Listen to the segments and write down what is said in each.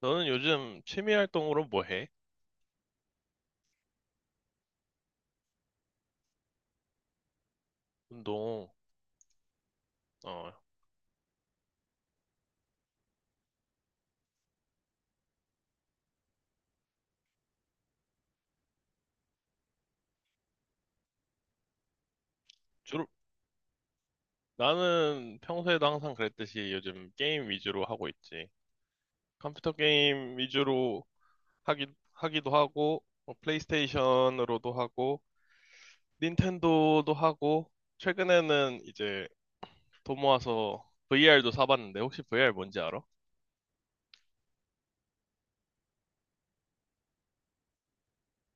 너는 요즘 취미 활동으로 뭐 해? 운동, 어, 주로, 나는 평소에도 항상 그랬듯이 요즘 게임 위주로 하고 있지. 컴퓨터 게임 위주로 하기, 하기도 하고, 뭐 플레이스테이션으로도 하고, 닌텐도도 하고, 최근에는 이제 돈 모아서 VR도 사봤는데, 혹시 VR 뭔지 알아?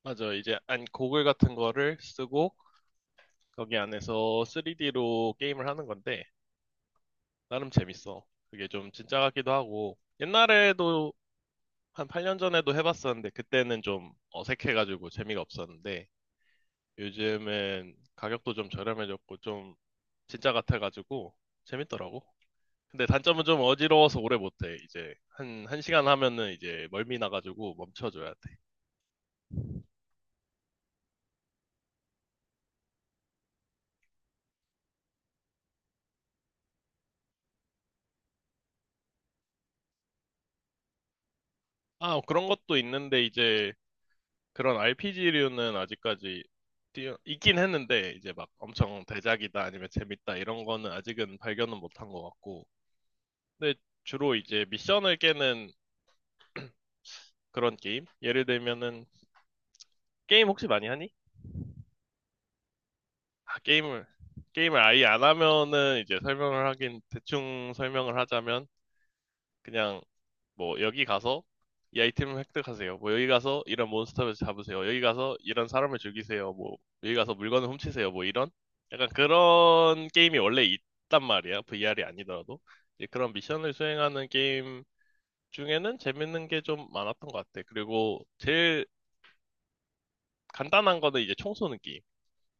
맞아, 이제 안 고글 같은 거를 쓰고, 거기 안에서 3D로 게임을 하는 건데, 나름 재밌어. 그게 좀 진짜 같기도 하고, 옛날에도 한 8년 전에도 해봤었는데, 그때는 좀 어색해가지고 재미가 없었는데, 요즘은 가격도 좀 저렴해졌고, 좀 진짜 같아가지고, 재밌더라고. 근데 단점은 좀 어지러워서 오래 못해. 이제 한 시간 하면은 이제 멀미 나가지고 멈춰줘야 돼. 아, 그런 것도 있는데, 이제 그런 RPG류는 아직까지 있긴 했는데 이제 막 엄청 대작이다 아니면 재밌다 이런 거는 아직은 발견은 못한 것 같고 근데 주로 이제 미션을 깨는 그런 게임 예를 들면은 게임 혹시 많이 하니? 아 게임을 게임을 아예 안 하면은 이제 설명을 하긴 대충 설명을 하자면 그냥 뭐 여기 가서 이 아이템을 획득하세요. 뭐 여기 가서 이런 몬스터를 잡으세요. 여기 가서 이런 사람을 죽이세요. 뭐 여기 가서 물건을 훔치세요. 뭐 이런 약간 그런 게임이 원래 있단 말이야. VR이 아니더라도 이제 그런 미션을 수행하는 게임 중에는 재밌는 게 좀 많았던 것 같아. 그리고 제일 간단한 거는 이제 총 쏘는 게임.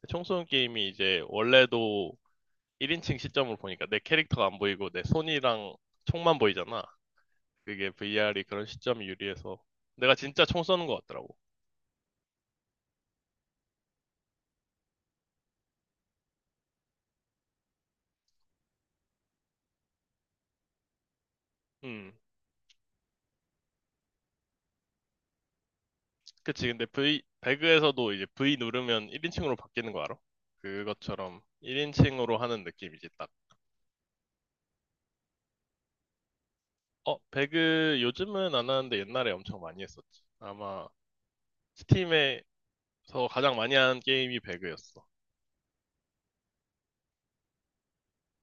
총 쏘는 게임이 이제 원래도 1인칭 시점으로 보니까 내 캐릭터가 안 보이고 내 손이랑 총만 보이잖아. 그게 VR이 그런 시점이 유리해서 내가 진짜 총 쏘는 것 같더라고. 음, 그치. 근데 V 배그에서도 이제 V 누르면 1인칭으로 바뀌는 거 알아? 그것처럼 1인칭으로 하는 느낌이지 딱. 어, 배그 요즘은 안 하는데 옛날에 엄청 많이 했었지. 아마 스팀에서 가장 많이 한 게임이 배그였어.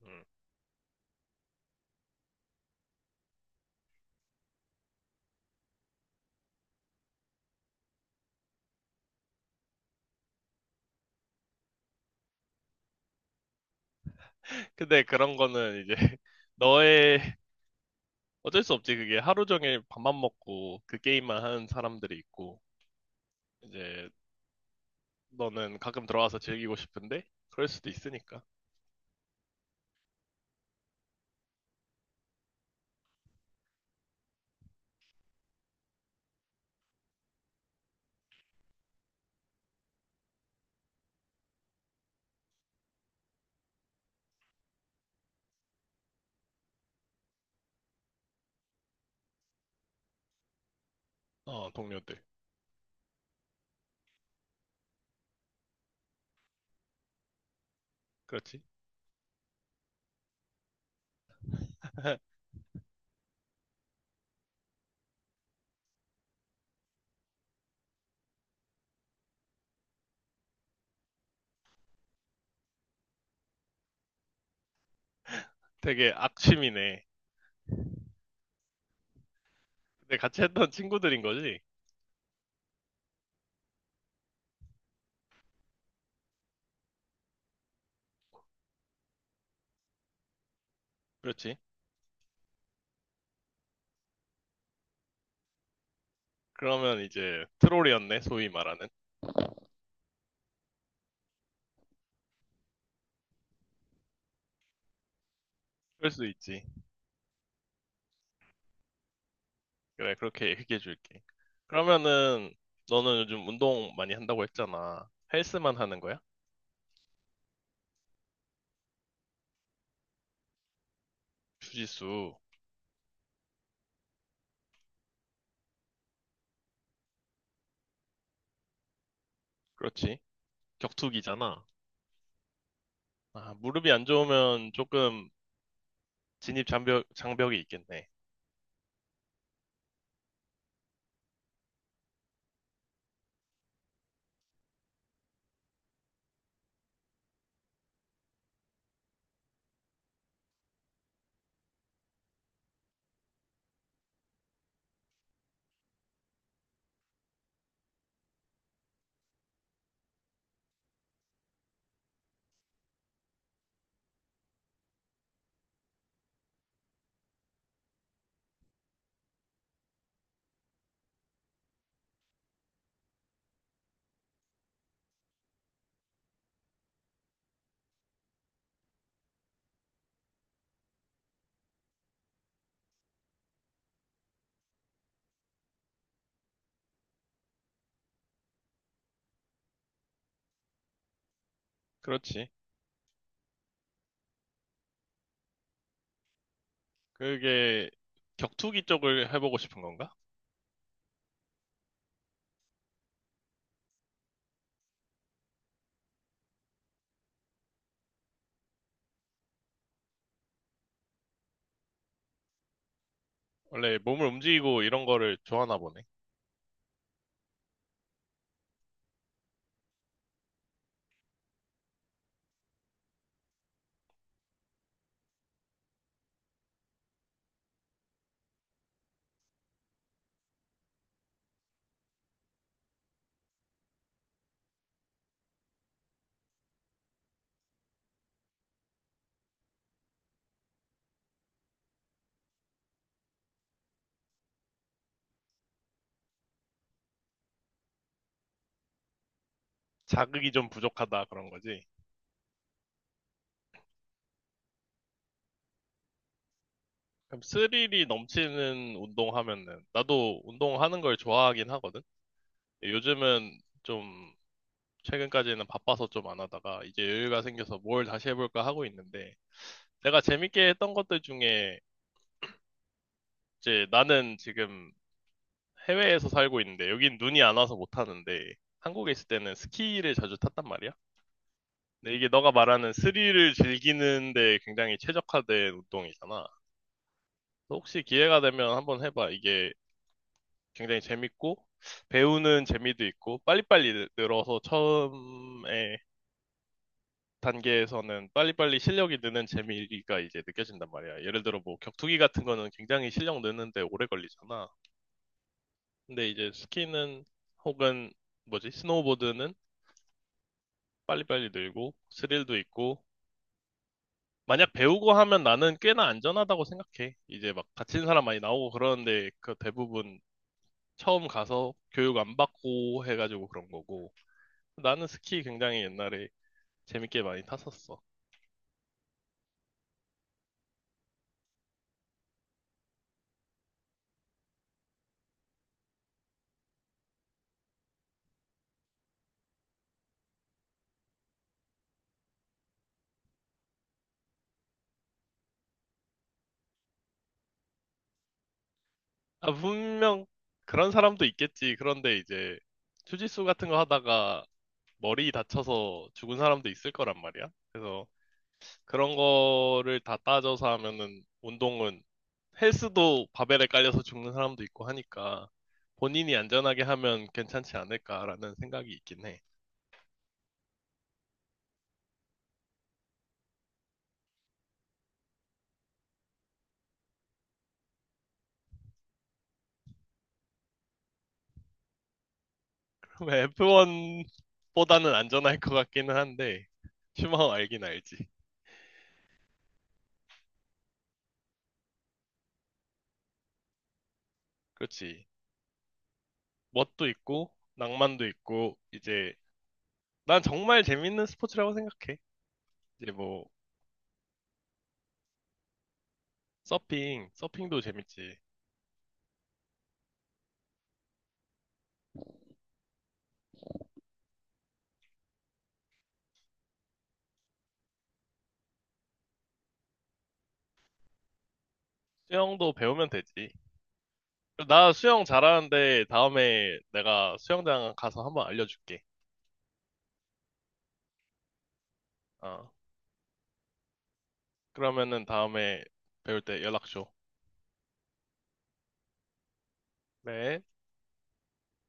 음. 근데 그런 거는 이제 너의 어쩔 수 없지. 그게 하루 종일 밥만 먹고 그 게임만 하는 사람들이 있고 이제 너는 가끔 들어와서 즐기고 싶은데 그럴 수도 있으니까. 어, 동료들. 그렇지. 되게 악취미네. 근데 같이 했던 친구들인 거지? 그렇지. 그러면 이제 트롤이었네, 소위 말하는. 그럴 수 있지. 그래, 그렇게 얘기해 줄게. 그러면은 너는 요즘 운동 많이 한다고 했잖아. 헬스만 하는 거야? 주짓수. 그렇지. 격투기잖아. 아, 무릎이 안 좋으면 조금 장벽이 있겠네. 그렇지. 그게 격투기 쪽을 해보고 싶은 건가? 원래 몸을 움직이고 이런 거를 좋아하나 보네. 자극이 좀 부족하다 그런 거지. 그럼 스릴이 넘치는 운동하면은 나도 운동하는 걸 좋아하긴 하거든. 요즘은 좀 최근까지는 바빠서 좀 안 하다가 이제 여유가 생겨서 뭘 다시 해볼까 하고 있는데 내가 재밌게 했던 것들 중에 이제 나는 지금 해외에서 살고 있는데 여긴 눈이 안 와서 못 하는데 한국에 있을 때는 스키를 자주 탔단 말이야. 근데 이게 너가 말하는 스릴을 즐기는데 굉장히 최적화된 운동이잖아. 혹시 기회가 되면 한번 해봐. 이게 굉장히 재밌고, 배우는 재미도 있고, 빨리빨리 늘어서 처음에 단계에서는 빨리빨리 실력이 느는 재미가 이제 느껴진단 말이야. 예를 들어 뭐 격투기 같은 거는 굉장히 실력 느는데 오래 걸리잖아. 근데 이제 스키는 혹은 뭐지? 스노우보드는 빨리빨리 늘고, 스릴도 있고, 만약 배우고 하면 나는 꽤나 안전하다고 생각해. 이제 막 다친 사람 많이 나오고 그러는데 그 대부분 처음 가서 교육 안 받고 해가지고 그런 거고. 나는 스키 굉장히 옛날에 재밌게 많이 탔었어. 아, 분명 그런 사람도 있겠지. 그런데 이제 주짓수 같은 거 하다가 머리 다쳐서 죽은 사람도 있을 거란 말이야. 그래서 그런 거를 다 따져서 하면은 운동은 헬스도 바벨에 깔려서 죽는 사람도 있고 하니까 본인이 안전하게 하면 괜찮지 않을까라는 생각이 있긴 해. F1보다는 안전할 것 같기는 한데 슈마허 알긴 알지. 그렇지. 멋도 있고 낭만도 있고 이제 난 정말 재밌는 스포츠라고 생각해. 이제 뭐 서핑도 재밌지. 수영도 배우면 되지. 나 수영 잘하는데 다음에 내가 수영장 가서 한번 알려줄게. 어. 그러면은 다음에 배울 때 연락 줘. 네.